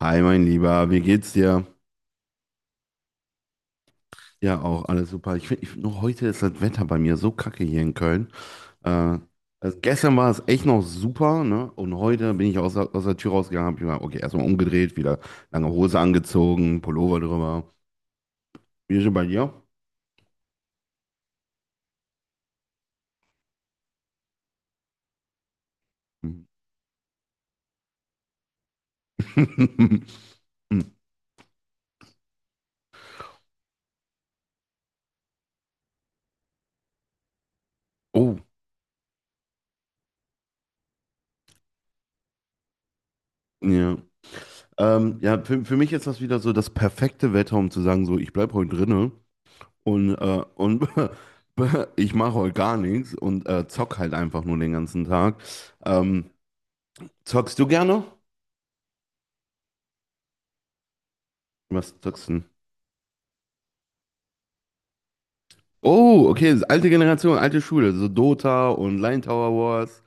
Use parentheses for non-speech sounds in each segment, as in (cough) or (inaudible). Hi, mein Lieber, wie geht's dir? Ja, auch alles super. Ich finde, nur heute ist das Wetter bei mir so kacke hier in Köln. Äh, also gestern war es echt noch super, ne? Und heute bin ich aus, aus der Tür rausgegangen, hab ich mal, okay, erstmal umgedreht, wieder lange Hose angezogen, Pullover drüber. Wie ist es bei dir? Hm. (laughs) Oh, ja. Ja, für mich ist das wieder so das perfekte Wetter, um zu sagen, so, ich bleib heute drinne. Und (laughs) ich mache heute gar nichts und zock halt einfach nur den ganzen Tag. Ähm, Zockst du gerne? Was zockst du denn? Oh, okay, das ist alte Generation, alte Schule, so Dota und Line Tower Wars.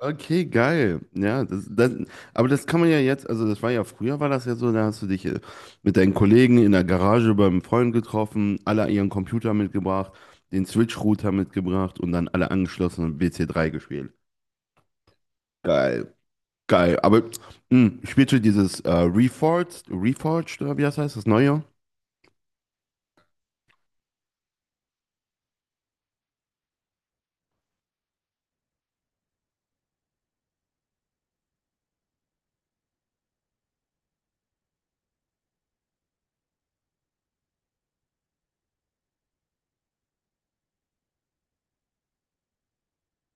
Okay, geil. Ja, aber das kann man ja jetzt, also das war ja früher, war das ja so, da hast du dich mit deinen Kollegen in der Garage beim Freund getroffen, alle ihren Computer mitgebracht, den Switch-Router mitgebracht und dann alle angeschlossen und wc drei gespielt. Geil. Geil, aber mh, spielst du dieses Reforged oder wie das heißt, das neue?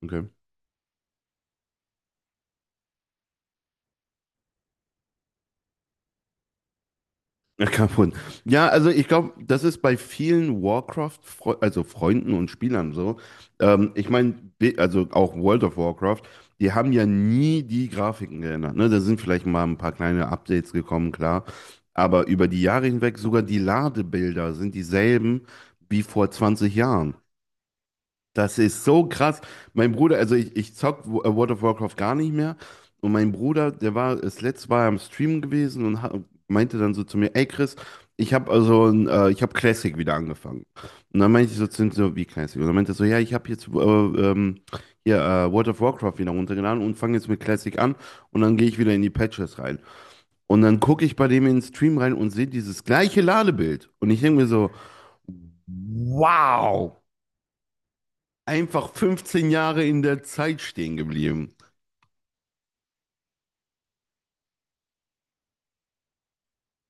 Okay. Ja, kaputt. Ja, also ich glaube, das ist bei vielen Warcraft, also Freunden und Spielern so. Ich meine, also auch World of Warcraft, die haben ja nie die Grafiken geändert. Ne? Da sind vielleicht mal ein paar kleine Updates gekommen, klar. Aber über die Jahre hinweg sogar die Ladebilder sind dieselben wie vor 20 Jahren. Das ist so krass. Mein Bruder, also ich zock World of Warcraft gar nicht mehr. Und mein Bruder, der war, das letzte Mal am Stream gewesen und meinte dann so zu mir, ey Chris, ich habe also, ich habe Classic wieder angefangen. Und dann meinte ich so zu ihm so, wie Classic? Und dann meinte er so, ja, ich habe jetzt hier World of Warcraft wieder runtergeladen und fange jetzt mit Classic an und dann gehe ich wieder in die Patches rein. Und dann gucke ich bei dem in den Stream rein und sehe dieses gleiche Ladebild. Und ich denke mir so, wow, einfach 15 Jahre in der Zeit stehen geblieben.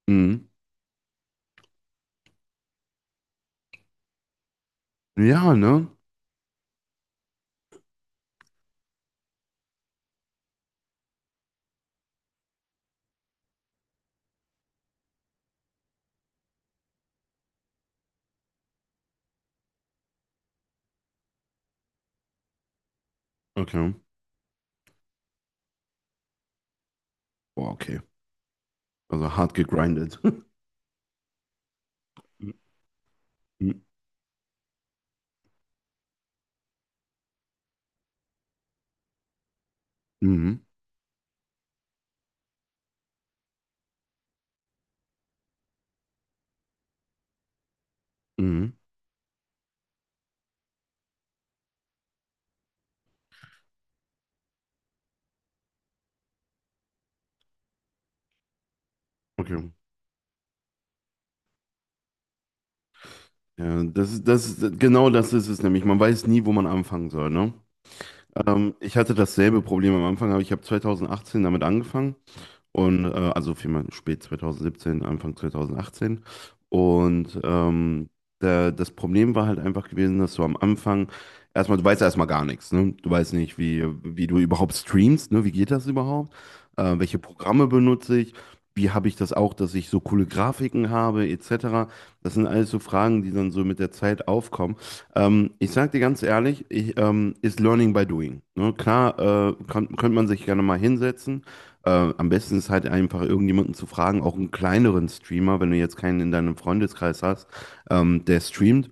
Mhm. Ja, ne? Okay. Boah, okay. Also hart gegrindet. (laughs) Mhm. Mhm. Mhm. Okay. Ja, genau das ist es nämlich. Man weiß nie, wo man anfangen soll, ne? Ich hatte dasselbe Problem am Anfang, aber ich habe 2018 damit angefangen. Und also vielmehr spät 2017, Anfang 2018. Und das Problem war halt einfach gewesen, dass du am Anfang erstmal, du weißt ja erstmal gar nichts, ne? Du weißt nicht, wie du überhaupt streamst, ne? Wie geht das überhaupt? Welche Programme benutze ich? Wie habe ich das auch, dass ich so coole Grafiken habe, etc. Das sind alles so Fragen, die dann so mit der Zeit aufkommen. Ich sage dir ganz ehrlich, ist Learning by Doing. Ne? Klar, könnte man sich gerne mal hinsetzen, am besten ist halt einfach irgendjemanden zu fragen, auch einen kleineren Streamer, wenn du jetzt keinen in deinem Freundeskreis hast, der streamt,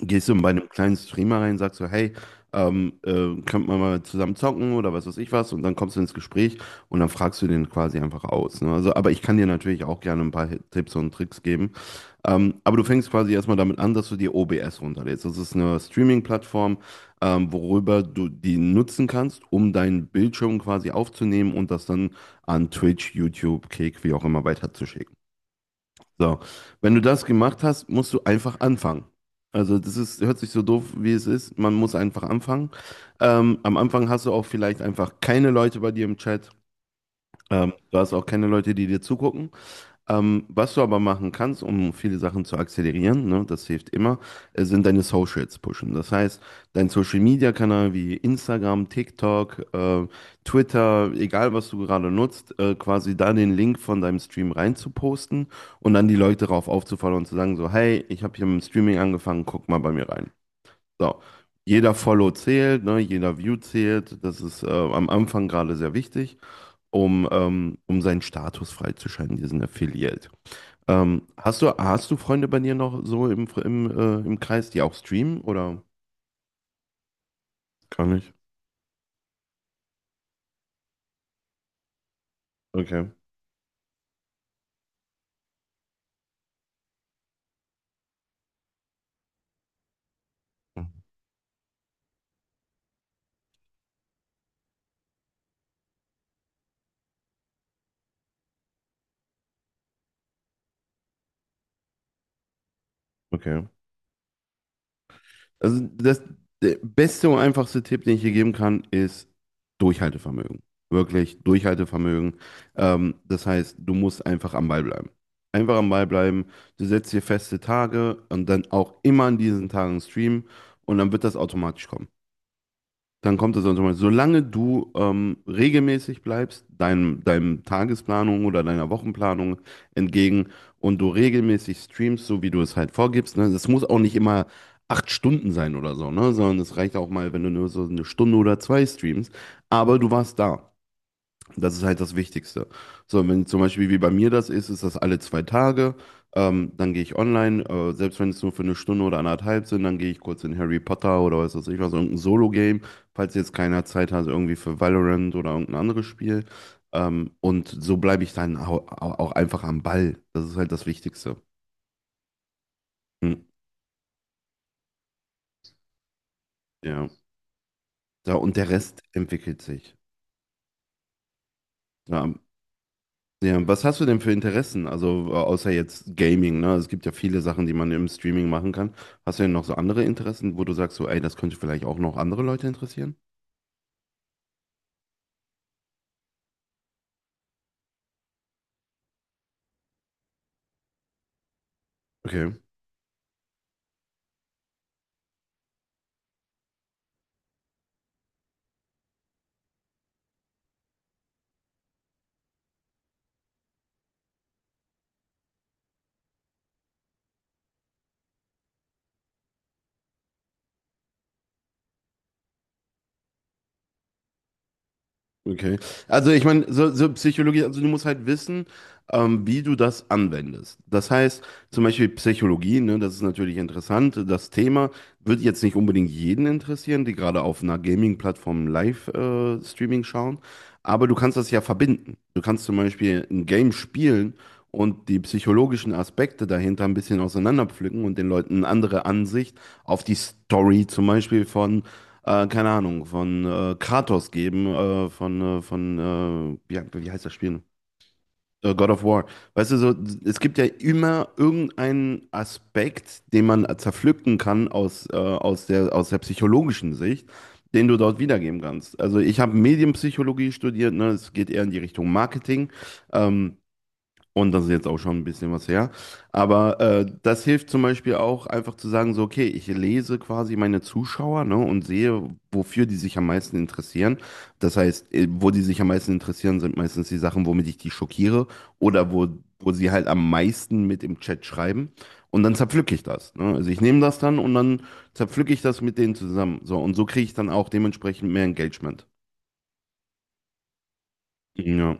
gehst du bei einem kleinen Streamer rein, sagst so, hey, könnt man mal zusammen zocken oder was weiß ich was und dann kommst du ins Gespräch und dann fragst du den quasi einfach aus. Ne? Also, aber ich kann dir natürlich auch gerne ein paar Tipps und Tricks geben. Aber du fängst quasi erstmal damit an, dass du dir OBS runterlädst. Das ist eine Streaming-Plattform, worüber du die nutzen kannst, um deinen Bildschirm quasi aufzunehmen und das dann an Twitch, YouTube, Kick, wie auch immer weiterzuschicken. So, wenn du das gemacht hast, musst du einfach anfangen. Also das ist, hört sich so doof, wie es ist. Man muss einfach anfangen. Am Anfang hast du auch vielleicht einfach keine Leute bei dir im Chat. Du hast auch keine Leute, die dir zugucken. Was du aber machen kannst, um viele Sachen zu akzelerieren, ne, das hilft immer, sind deine Socials pushen. Das heißt, dein Social Media Kanal wie Instagram, TikTok, Twitter, egal was du gerade nutzt, quasi da den Link von deinem Stream rein zu posten und dann die Leute darauf aufzufallen und zu sagen so, hey, ich habe hier mit dem Streaming angefangen, guck mal bei mir rein. So. Jeder Follow zählt, ne, jeder View zählt. Das ist am Anfang gerade sehr wichtig, um seinen Status freizuschalten, diesen Affiliate. Hast du Freunde bei dir noch so im Kreis, die auch streamen oder gar nicht? Okay, okay. Also das, der beste und einfachste Tipp, den ich hier geben kann, ist Durchhaltevermögen. Wirklich Durchhaltevermögen. Das heißt, du musst einfach am Ball bleiben. Einfach am Ball bleiben. Du setzt dir feste Tage und dann auch immer an diesen Tagen streamen und dann wird das automatisch kommen. Dann kommt es dann mal, solange du regelmäßig bleibst, deinem Tagesplanung oder deiner Wochenplanung entgegen und du regelmäßig streamst, so wie du es halt vorgibst, ne? Das muss auch nicht immer 8 Stunden sein oder so, ne? Sondern es reicht auch mal, wenn du nur so eine Stunde oder zwei streamst, aber du warst da. Das ist halt das Wichtigste. So, wenn zum Beispiel wie bei mir das ist, ist das alle 2 Tage. Dann gehe ich online, selbst wenn es nur für eine Stunde oder anderthalb sind, dann gehe ich kurz in Harry Potter oder was weiß ich was, irgendein Solo-Game, falls jetzt keiner Zeit hat, irgendwie für Valorant oder irgendein anderes Spiel. Und so bleibe ich dann auch einfach am Ball. Das ist halt das Wichtigste. Hm, ja. Ja, und der Rest entwickelt sich. Ja, ja, was hast du denn für Interessen? Also außer jetzt Gaming, ne? Es gibt ja viele Sachen, die man im Streaming machen kann. Hast du denn noch so andere Interessen, wo du sagst, so, ey, das könnte vielleicht auch noch andere Leute interessieren? Okay. Okay. Also ich meine, so Psychologie, also du musst halt wissen, wie du das anwendest. Das heißt, zum Beispiel Psychologie, ne, das ist natürlich interessant. Das Thema wird jetzt nicht unbedingt jeden interessieren, die gerade auf einer Gaming-Plattform Live-Streaming schauen. Aber du kannst das ja verbinden. Du kannst zum Beispiel ein Game spielen und die psychologischen Aspekte dahinter ein bisschen auseinanderpflücken und den Leuten eine andere Ansicht auf die Story zum Beispiel von keine Ahnung, von Kratos geben, von ja, wie heißt das Spiel? God of War. Weißt du, so, es gibt ja immer irgendeinen Aspekt, den man zerpflücken kann aus aus der psychologischen Sicht, den du dort wiedergeben kannst. Also ich habe Medienpsychologie studiert, ne? Es geht eher in die Richtung Marketing. Ähm, und das ist jetzt auch schon ein bisschen was her. Aber das hilft zum Beispiel auch einfach zu sagen, so, okay, ich lese quasi meine Zuschauer, ne, und sehe, wofür die sich am meisten interessieren. Das heißt, wo die sich am meisten interessieren, sind meistens die Sachen, womit ich die schockiere oder wo sie halt am meisten mit im Chat schreiben. Und dann zerpflücke ich das. Ne? Also ich nehme das dann und dann zerpflücke ich das mit denen zusammen. So, und so kriege ich dann auch dementsprechend mehr Engagement. Ja,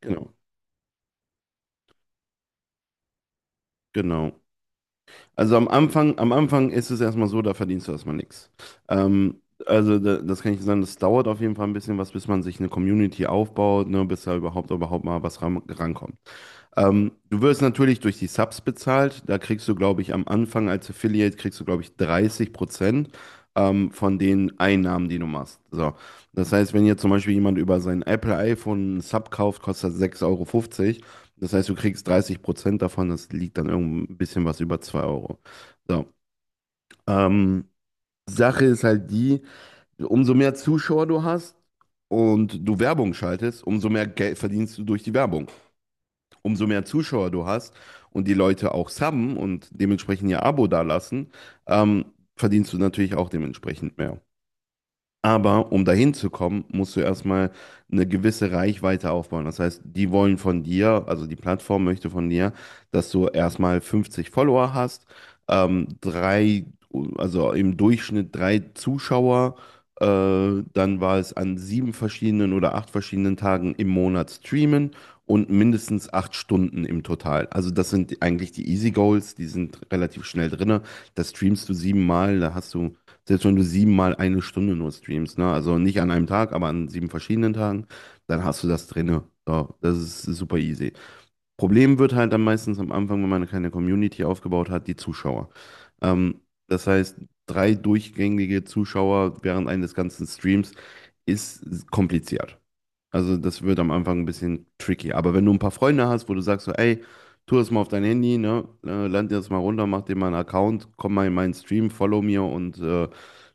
genau, genau. Also am Anfang ist es erstmal so, da verdienst du erstmal nichts. Also da, das kann ich sagen, das dauert auf jeden Fall ein bisschen was, bis man sich eine Community aufbaut, ne, bis da überhaupt mal was rankommt. Du wirst natürlich durch die Subs bezahlt. Da kriegst du, glaube ich, am Anfang als Affiliate, kriegst du, glaube ich, 30% von den Einnahmen, die du machst. So. Das heißt, wenn jetzt zum Beispiel jemand über sein Apple iPhone einen Sub kauft, kostet das 6,50 Euro. Fünfzig. Das heißt, du kriegst 30% davon. Das liegt dann irgend ein bisschen was über 2 Euro. So. Ähm, Sache ist halt die, umso mehr Zuschauer du hast und du Werbung schaltest, umso mehr Geld verdienst du durch die Werbung, umso mehr Zuschauer du hast und die Leute auch subben und dementsprechend ihr Abo dalassen, ähm, verdienst du natürlich auch dementsprechend mehr. Aber um dahin zu kommen, musst du erstmal eine gewisse Reichweite aufbauen. Das heißt, die wollen von dir, also die Plattform möchte von dir, dass du erstmal 50 Follower hast, ähm, drei, also im Durchschnitt drei Zuschauer. Äh, Dann war es an 7 verschiedenen oder 8 verschiedenen Tagen im Monat streamen und mindestens 8 Stunden im Total. Also das sind eigentlich die Easy Goals, die sind relativ schnell drin. Das streamst du siebenmal, da hast du selbst wenn du siebenmal eine Stunde nur streamst, ne? Also nicht an einem Tag, aber an 7 verschiedenen Tagen, dann hast du das drinne. So, das ist super easy. Problem wird halt dann meistens am Anfang, wenn man keine Community aufgebaut hat, die Zuschauer. Ähm, Das heißt, drei durchgängige Zuschauer während eines ganzen Streams ist kompliziert. Also das wird am Anfang ein bisschen tricky. Aber wenn du ein paar Freunde hast, wo du sagst so, ey, tu das mal auf dein Handy, ne? Lad dir das mal runter, mach dir mal einen Account, komm mal in meinen Stream, follow mir und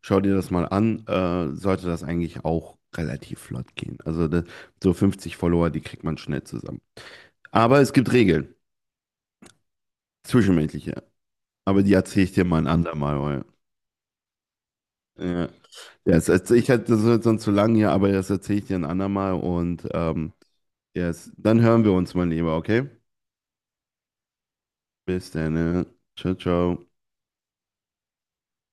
schau dir das mal an, sollte das eigentlich auch relativ flott gehen. Also so 50 Follower, die kriegt man schnell zusammen. Aber es gibt Regeln, zwischenmenschliche. Aber die erzähle ich dir mal ein andermal. Weil, ja. Ja, ich hatte, das wird sonst zu lang hier, aber das erzähle ich dir ein andermal und yes, dann hören wir uns, mein Lieber, okay? Bis dann, ne? Ciao, ciao.